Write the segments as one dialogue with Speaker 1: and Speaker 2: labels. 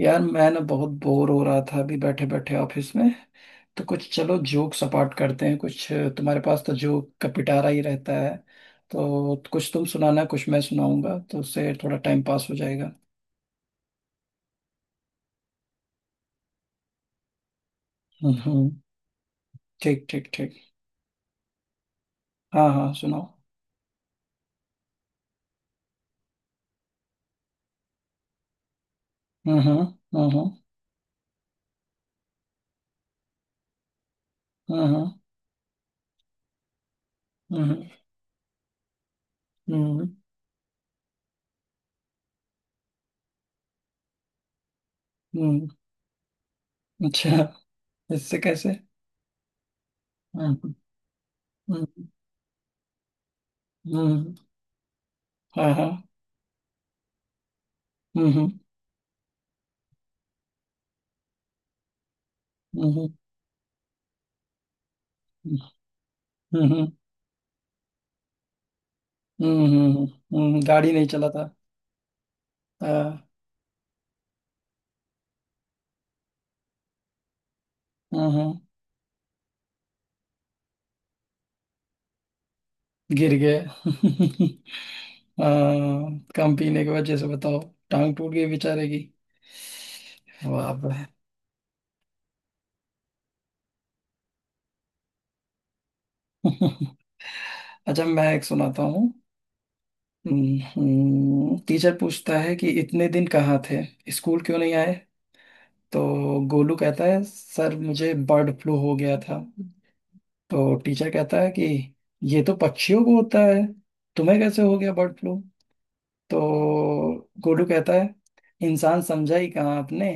Speaker 1: यार, मैं ना बहुत बोर हो रहा था अभी बैठे बैठे ऑफिस में। तो कुछ, चलो जोक सपाट करते हैं कुछ। तुम्हारे पास तो जोक का पिटारा ही रहता है। तो कुछ तुम सुनाना, कुछ मैं सुनाऊंगा, तो उससे थोड़ा टाइम पास हो जाएगा। हम्म, हम्म। ठीक, ठीक, ठीक। हाँ, हाँ, सुनाओ। हम्म। हम्म। हम्म। हम्म। हम्म। हम्म। हम्म। अच्छा। इससे कैसे? हम्म। हम्म। हम्म। हाँ, हाँ। हम्म। हम्म। हम्म। हम्म। हम्म। हम्म। हम्म। गाड़ी नहीं चला था। हाँ। हम्म। गिर गए। हाँ, कम पीने की वजह से बताओ। टांग टूट गई बेचारे की। वाह बे। अच्छा, मैं एक सुनाता हूँ। टीचर पूछता है कि इतने दिन कहाँ थे? स्कूल क्यों नहीं आए? तो गोलू कहता है सर मुझे बर्ड फ्लू हो गया था। तो टीचर कहता है कि ये तो पक्षियों को होता है, तुम्हें कैसे हो गया बर्ड फ्लू? तो गोलू कहता है इंसान समझा ही कहाँ आपने,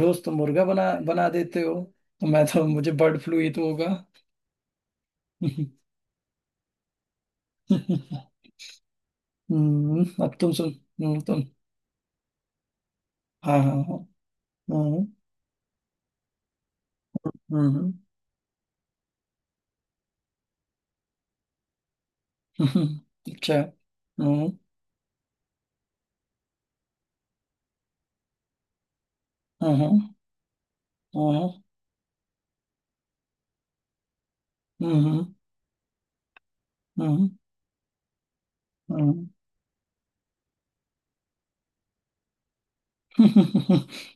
Speaker 1: रोज तो मुर्गा बना बना देते हो, तो मैं तो मुझे बर्ड फ्लू ही तो होगा। अब तुम सुन। तुम। हाँ, हाँ, हाँ। हम्म, हम्म। अच्छा। हम्म। हाँ, हाँ। हाँ। हम्म। हम्म। हम्म।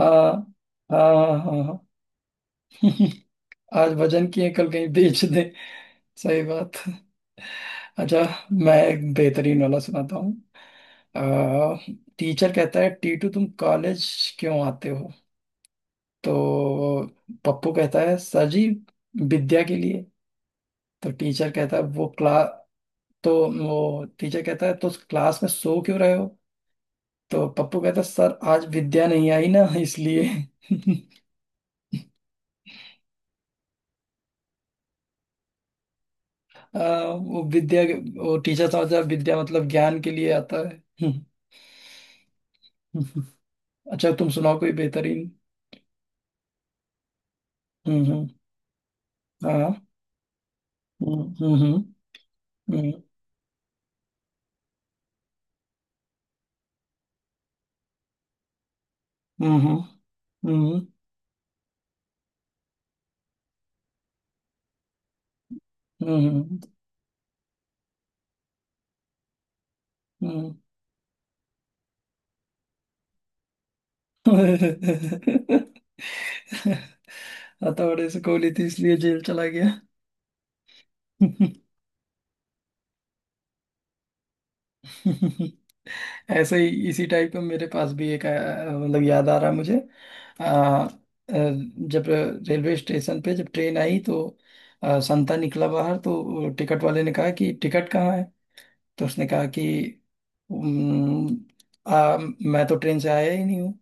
Speaker 1: हाँ, हाँ, हाँ, हाँ। आज वजन किए कल कहीं बेच दे। सही बात। अच्छा। मैं एक बेहतरीन वाला सुनाता हूँ। अ, टीचर कहता है टीटू तुम कॉलेज क्यों आते हो? तो पप्पू कहता है सर जी विद्या के लिए। तो टीचर कहता है वो क्लास तो वो टीचर कहता है तो उस क्लास में सो क्यों रहे हो? तो पप्पू कहता है सर आज विद्या नहीं आई ना, इसलिए। अ, वो विद्या वो टीचर समझता है विद्या मतलब ज्ञान के लिए आता है। अच्छा, तुम सुनाओ कोई बेहतरीन। हम्म। हम्म। हाँ। हम्म। हम्म। हम्म। Uhum. Uhum. Uhum. Uhum. Uhum. हथौड़े से गोली थी इसलिए जेल चला गया। ऐसे ही इसी टाइप का मेरे पास भी एक मतलब याद आ रहा है मुझे। अ, अ, जब रेलवे स्टेशन पे जब ट्रेन आई तो संता निकला बाहर, तो टिकट वाले ने कहा कि टिकट कहाँ है? तो उसने कहा कि "उम्म, आ, मैं तो ट्रेन से आया ही नहीं।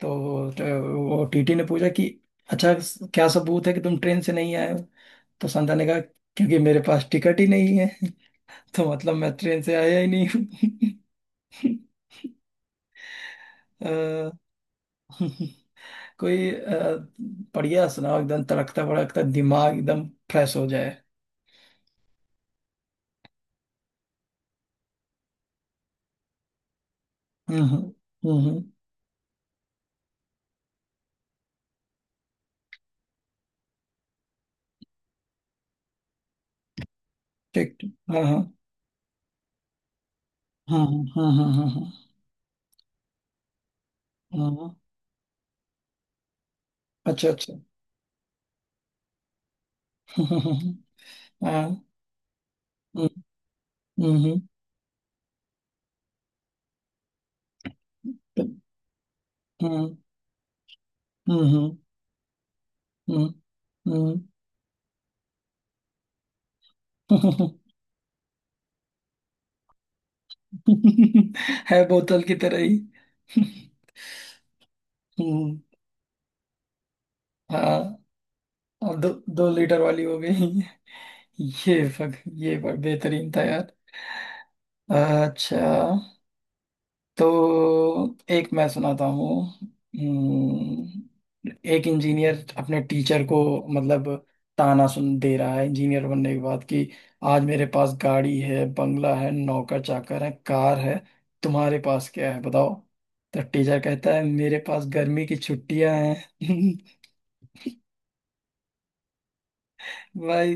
Speaker 1: तो वो टीटी ने पूछा कि अच्छा, क्या सबूत है कि तुम ट्रेन से नहीं आए हो? तो संध्या ने कहा क्योंकि मेरे पास टिकट ही नहीं है। तो मतलब मैं ट्रेन से आया ही नहीं हूँ। अ, कोई बढ़िया सुनाओ, एकदम तड़कता भड़कता दिमाग एकदम फ्रेश हो जाए। हम्म, हम्म, हम्म। ठीक, ठीक। हाँ, हाँ। हाँ, हाँ। हाँ हाँ हाँ हाँ, अच्छा, अच्छा। हाँ, हाँ, हाँ, हाँ। हम्म, हम्म, हम्म, हम्म, हम्म, हम्म। हम्म। हम्म। है बोतल की तरह ही। हम्म। हाँ। अब दो दो लीटर वाली हो गई। ये बेहतरीन था यार। अच्छा। तो एक मैं सुनाता हूँ। एक इंजीनियर अपने टीचर को मतलब ताना सुन दे रहा है इंजीनियर बनने के बाद कि आज मेरे पास गाड़ी है, बंगला है, नौकर चाकर है, कार है, तुम्हारे पास क्या है बताओ? तो टीचर कहता है मेरे पास गर्मी की छुट्टियां हैं। भाई,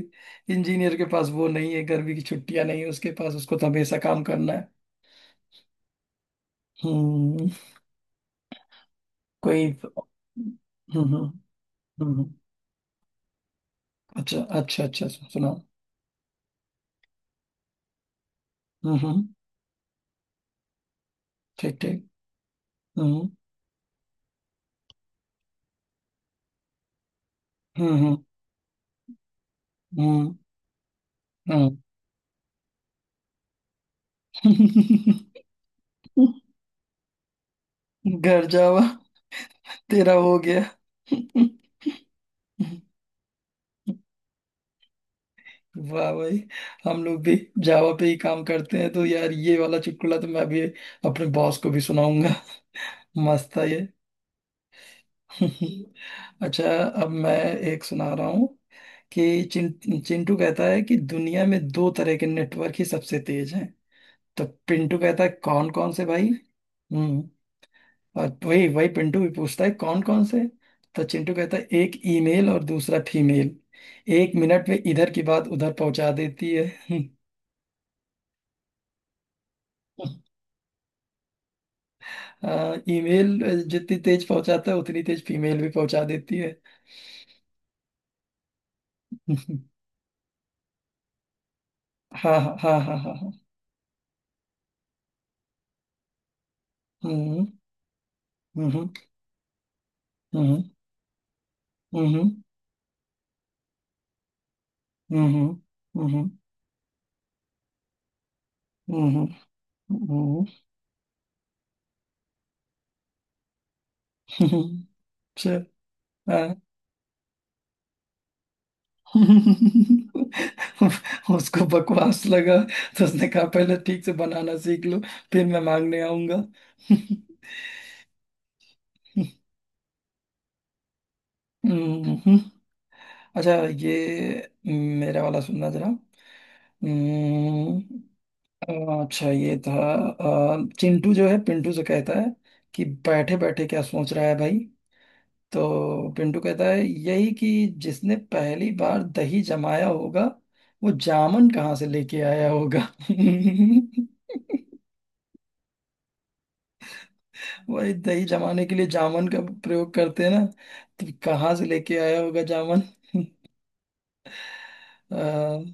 Speaker 1: इंजीनियर के पास वो नहीं है, गर्मी की छुट्टियां नहीं है उसके पास, उसको तो हमेशा काम करना है। हम्म। कोई। हम्म, हम्म, हम्म, अच्छा, अच्छा, अच्छा, अच्छा, सुनाओ। हम्म, हम्म। ठीक, ठीक। हम्म। हम्म, हम्म, हम्म, हम्म। घर जावा। तेरा हो गया। वाह भाई। हम लोग भी जावा पे ही काम करते हैं, तो यार ये वाला चुटकुला तो मैं भी अपने बॉस को भी सुनाऊंगा। मस्त था ये। अच्छा। अब मैं एक सुना रहा हूँ कि चिंटू कहता है कि दुनिया में दो तरह के नेटवर्क ही सबसे तेज हैं। तो पिंटू कहता है कौन कौन से भाई? हम्म। और वही वही पिंटू भी पूछता है कौन कौन से? तो चिंटू कहता है एक ईमेल और दूसरा फीमेल, 1 मिनट में इधर की बात उधर पहुंचा देती है। ईमेल जितनी तेज पहुंचाता है उतनी तेज फीमेल भी पहुंचा देती है। हाँ, हाँ, हाँ, हाँ, हाँ, हाँ। हम्म। हम्म। हम्म। हम्म। हम्म। हम्म। हम्म। हम्म। हम्म। हम्म। हम्म। चल। उसको बकवास लगा, तो उसने कहा पहले ठीक से बनाना सीख लो, फिर मैं मांगने आऊंगा। हम्म। अच्छा। ये मेरा वाला सुनना जरा। हम्म। अच्छा, ये था चिंटू जो है पिंटू से कहता है कि बैठे बैठे क्या सोच रहा है भाई? तो पिंटू कहता है यही कि जिसने पहली बार दही जमाया होगा वो जामन कहाँ से लेके आया होगा। वही दही जमाने के लिए जामन का प्रयोग करते हैं ना, तो कहाँ से लेके आया होगा जामन? अ,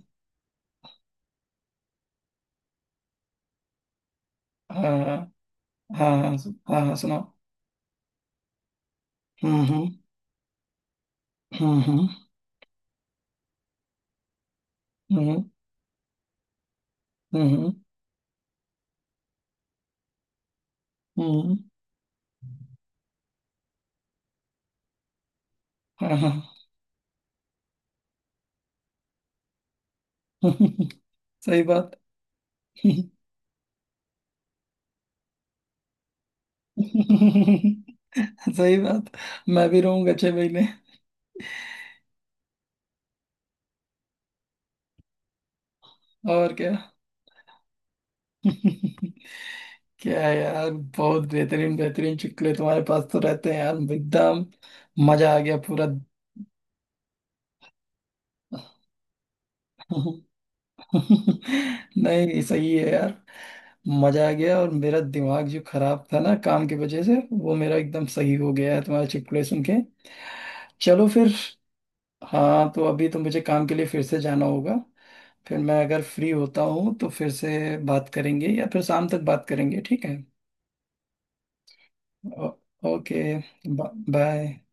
Speaker 1: हाँ, हाँ। हाँ, हाँ, हाँ, सुनाओ। हम्म, हम्म। हम्म, हम्म, हम्म, हम्म। हम्म। हाँ, हाँ। सही बात। सही बात। मैं भी रहूंगा 6 महीने। और क्या। क्या यार। बहुत बेहतरीन बेहतरीन चुटकुले तुम्हारे पास तो रहते हैं यार, एकदम मजा आ गया पूरा। नहीं, सही है यार। मजा आ गया, और मेरा दिमाग जो खराब था ना काम की वजह से, वो मेरा एकदम सही हो गया है तुम्हारे चुटकुले सुन के। चलो फिर। हाँ, तो अभी तो मुझे काम के लिए फिर से जाना होगा, फिर मैं अगर फ्री होता हूँ तो फिर से बात करेंगे या फिर शाम तक बात करेंगे, ठीक है। ओ, ओके। बाय।